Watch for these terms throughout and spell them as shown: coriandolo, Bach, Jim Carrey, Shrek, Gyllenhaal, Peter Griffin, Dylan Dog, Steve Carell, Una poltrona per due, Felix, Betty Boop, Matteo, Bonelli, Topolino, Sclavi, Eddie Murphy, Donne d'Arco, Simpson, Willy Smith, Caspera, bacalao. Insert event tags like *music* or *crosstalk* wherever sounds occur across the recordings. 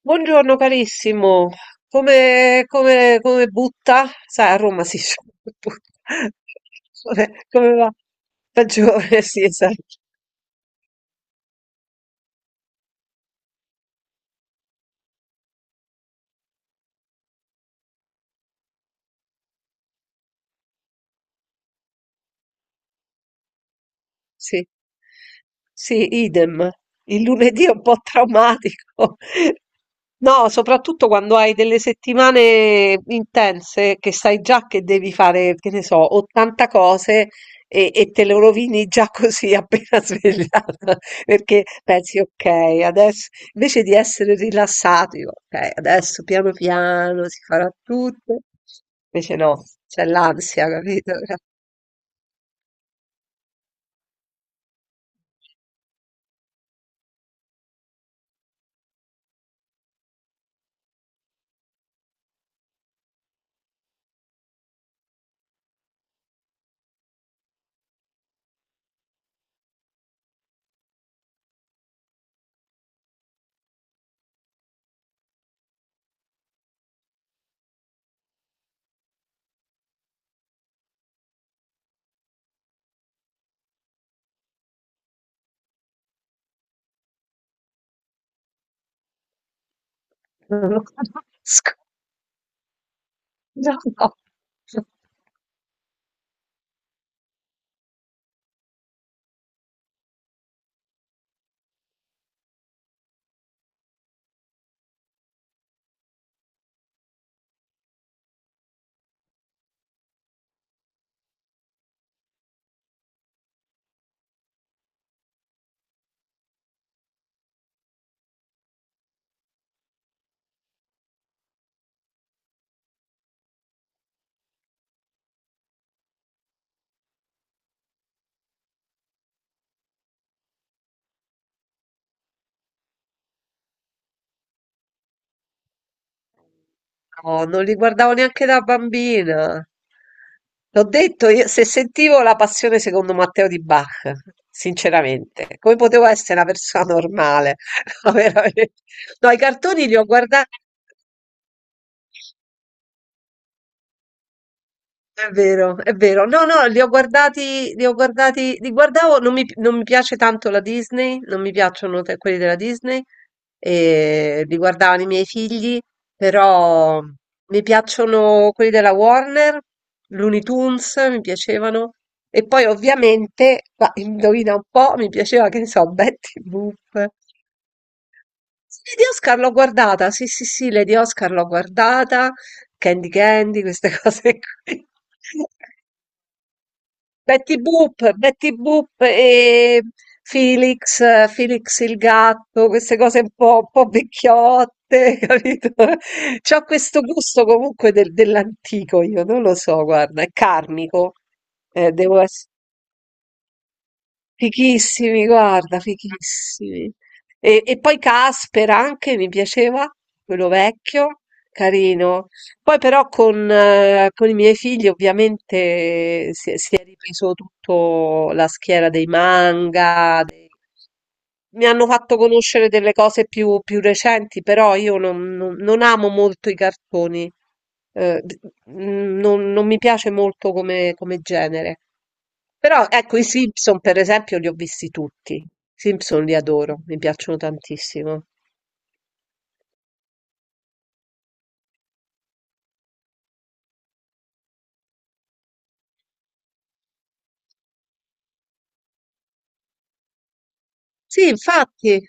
Buongiorno carissimo, come butta? Sai, a Roma si dice *laughs* butta. Come va? Peggiore, *laughs* sì, esatto. Sì. Sì, idem. Il lunedì è un po' traumatico. *laughs* No, soprattutto quando hai delle settimane intense che sai già che devi fare, che ne so, 80 cose e te le rovini già così *laughs* appena svegliata, perché pensi, ok, adesso invece di essere rilassati, ok, adesso piano piano si farà tutto. Invece no, c'è l'ansia, capito? *laughs* Non lo conosco. No, no, non li guardavo neanche da bambina. L'ho detto, io, se sentivo la passione secondo Matteo di Bach, sinceramente, come potevo essere una persona normale? *laughs* No, veramente. No, i cartoni li ho guardati. È vero, è vero. No, no, li ho guardati, li guardavo, non mi piace tanto la Disney, non mi piacciono quelli della Disney, e li guardavano i miei figli, però mi piacciono quelli della Warner, Looney Tunes, mi piacevano, e poi ovviamente, ma indovina un po', mi piaceva, che ne so, Betty Boop. Sì, Lady Oscar l'ho guardata, sì, sì, sì, Lady Oscar l'ho guardata, Candy Candy, queste cose qui. *laughs* Betty Boop, Betty Boop e Felix, Felix il gatto, queste cose un po', vecchiotte, *laughs* capito? C'ho questo gusto comunque dell'antico, io non lo so, guarda, è karmico, devo. Fighissimi, guarda, fighissimi. E poi Caspera anche mi piaceva, quello vecchio, carino. Poi però con i miei figli ovviamente si è ripreso tutto la schiera dei manga, mi hanno fatto conoscere delle cose più recenti, però io non amo molto i cartoni, eh, d- non mi piace molto come genere. Però ecco, i Simpson per esempio li ho visti tutti. I Simpson li adoro, mi piacciono tantissimo. Sì, infatti.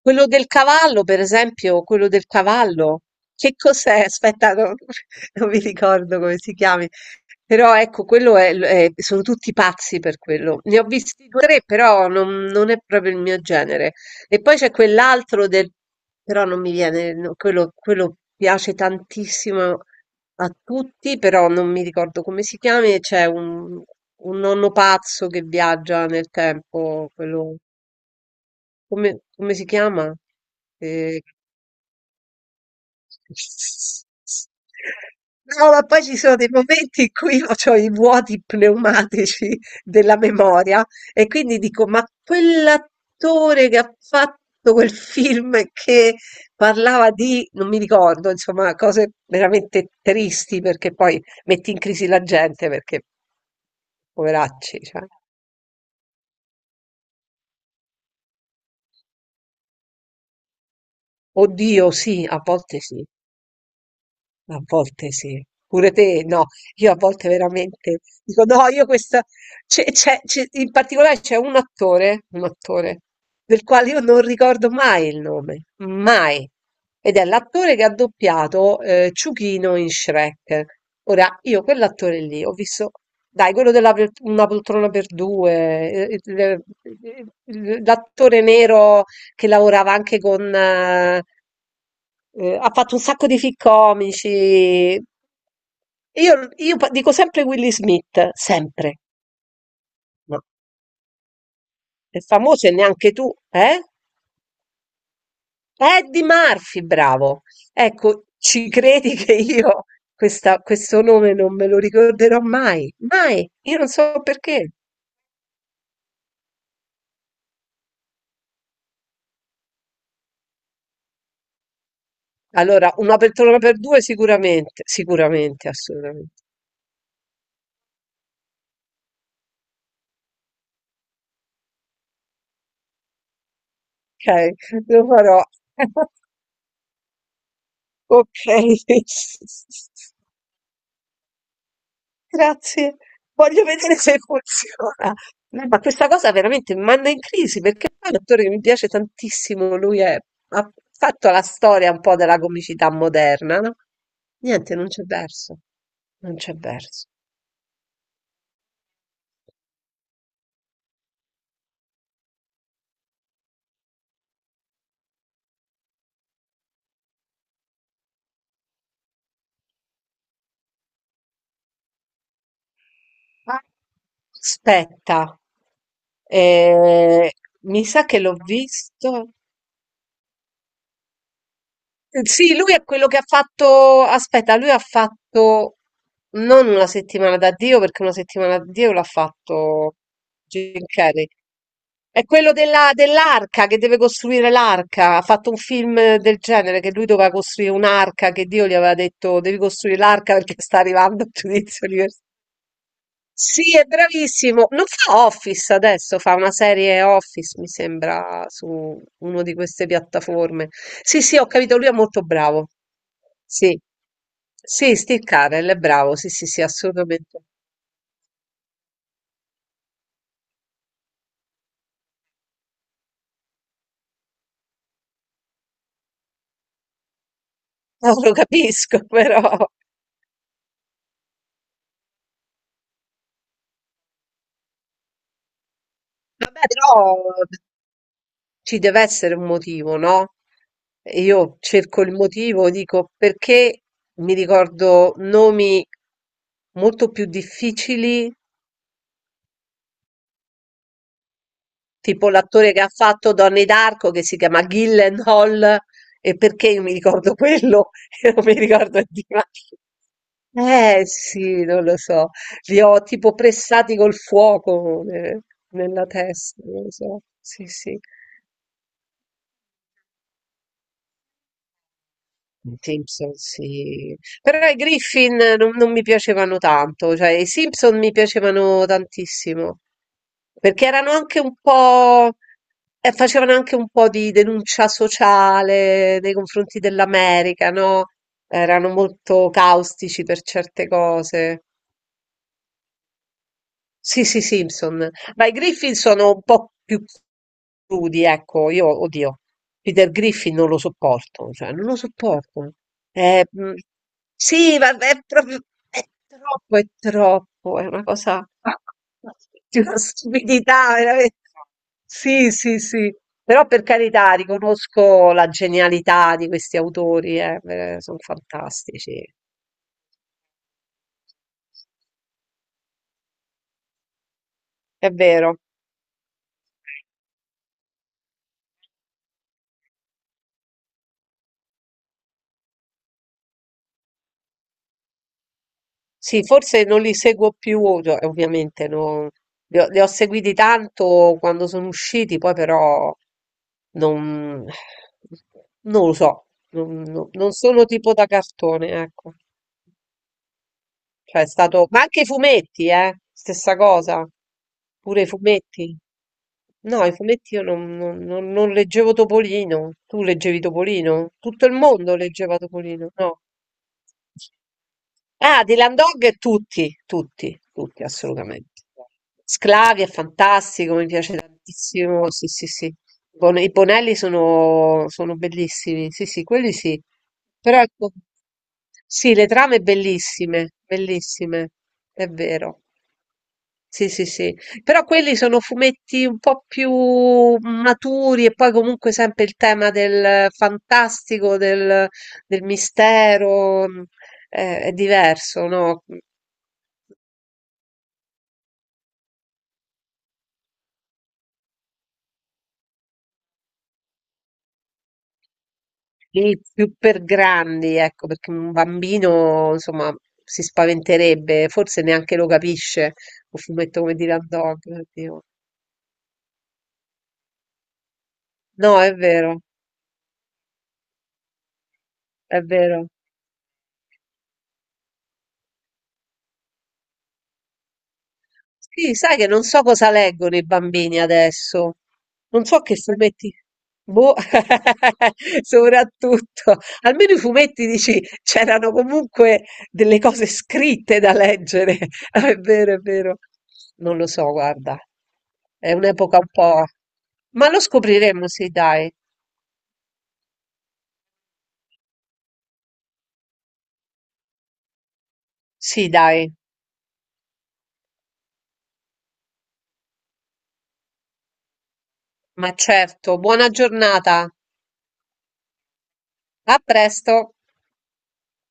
Quello del cavallo, per esempio, quello del cavallo, che cos'è? Aspetta, non, *laughs* non mi ricordo come si chiami, però ecco, sono tutti pazzi per quello. Ne ho visti due o tre, però non, non è proprio il mio genere. E poi c'è quell'altro del, però non mi viene, no, quello piace tantissimo a tutti, però non mi ricordo come si chiami, c'è un, nonno pazzo che viaggia nel tempo, quello. Come si chiama? Ehm No, ma poi ci sono dei momenti in cui io c'ho i vuoti pneumatici della memoria e quindi dico: "Ma quell'attore che ha fatto quel film che parlava di" non mi ricordo, insomma, cose veramente tristi perché poi metti in crisi la gente perché poveracci, cioè. Oddio sì, a volte sì. A volte sì. Pure te? No, io a volte veramente dico no, io questa. In particolare c'è un attore, del quale io non ricordo mai il nome, mai. Ed è l'attore che ha doppiato Ciuchino in Shrek. Ora, io quell'attore lì ho visto, dai, quello Una poltrona per due, l'attore nero che lavorava anche con. Ha fatto un sacco di film comici. Io, io dico sempre Willy Smith, sempre. Ma è famoso e neanche tu, eh? Eddie Murphy, bravo. Ecco, ci credi che io questo nome non me lo ricorderò mai? Mai. Io non so perché. Allora, una persona per due sicuramente, sicuramente, assolutamente. Ok, lo farò. *laughs* Okay. *laughs* Grazie. Voglio vedere se funziona. No, ma questa cosa veramente mi manda in crisi, perché poi è un attore che mi piace tantissimo, lui è ha fatto la storia un po' della comicità moderna, no, niente, non c'è verso, non c'è verso. Ah, aspetta, ehm, mi sa che l'ho visto. Sì, lui è quello che ha fatto, aspetta, lui ha fatto non una settimana da Dio, perché una settimana da Dio l'ha fatto Jim Carrey. È quello dell'arca che deve costruire l'arca. Ha fatto un film del genere che lui doveva costruire un'arca che Dio gli aveva detto devi costruire l'arca perché sta arrivando il giudizio universale. Sì, è bravissimo. Non fa Office adesso, fa una serie Office, mi sembra, su una di queste piattaforme. Sì, sì, ho capito, lui è molto bravo. Sì, sì, Steve Carell è bravo, sì, sì, sì, assolutamente. *laughs* No, lo capisco, però. Vabbè, però ci deve essere un motivo, no? E io cerco il motivo, dico perché mi ricordo nomi molto più difficili. Tipo l'attore che ha fatto Donne d'Arco che si chiama Gyllenhaal e perché io mi ricordo quello *laughs* e non mi ricordo di ma eh sì, non lo so, li ho tipo pressati col fuoco nella testa, non lo so, sì sì. I Simpson, sì. Però i Griffin non mi piacevano tanto, cioè i Simpson mi piacevano tantissimo, perché erano anche un po', facevano anche un po' di denuncia sociale nei confronti dell'America, no? Erano molto caustici per certe cose. Sì, sì, Simpson. Ma i Griffin sono un po' più crudi, ecco, io, oddio, Peter Griffin non lo sopporto, cioè, non lo sopporto. Eh, mm, sì, ma è proprio, è troppo, è troppo, è una cosa *laughs* di una stupidità, veramente. Sì, sì, sì. Però per carità, riconosco la genialità di questi autori, sono fantastici, è vero. Sì, forse non li seguo più, ovviamente, li ho, seguiti tanto quando sono usciti, poi però non, non lo so, non sono tipo da cartone, ecco. Cioè, è stato, ma anche i fumetti, stessa cosa, pure i fumetti. No, i fumetti io non leggevo Topolino, tu leggevi Topolino, tutto il mondo leggeva Topolino, no. Ah, Dylan Dog tutti, tutti, tutti, assolutamente. Sclavi è fantastico, mi piace tantissimo. Sì, sì, sì. I Bonelli sono bellissimi, sì, sì, quelli sì. Però ecco, sì, le trame bellissime, bellissime, è vero. Sì, sì, sì. Però quelli sono fumetti un po' più maturi e poi comunque sempre il tema del fantastico, del mistero, è diverso, no? Lì più per grandi, ecco, perché un bambino, insomma, si spaventerebbe, forse neanche lo capisce, un fumetto come Dylan Dog. Oddio. No, è vero, è vero. Sì, sai che non so cosa leggono i bambini adesso. Non so che fumetti. Boh, *laughs* soprattutto. Almeno i fumetti dici, c'erano comunque delle cose scritte da leggere. *laughs* Ah, è vero, è vero. Non lo so, guarda. È un'epoca un po'. Ma lo scopriremo, sì, dai. Sì, dai. Ma certo. Buona giornata. A presto.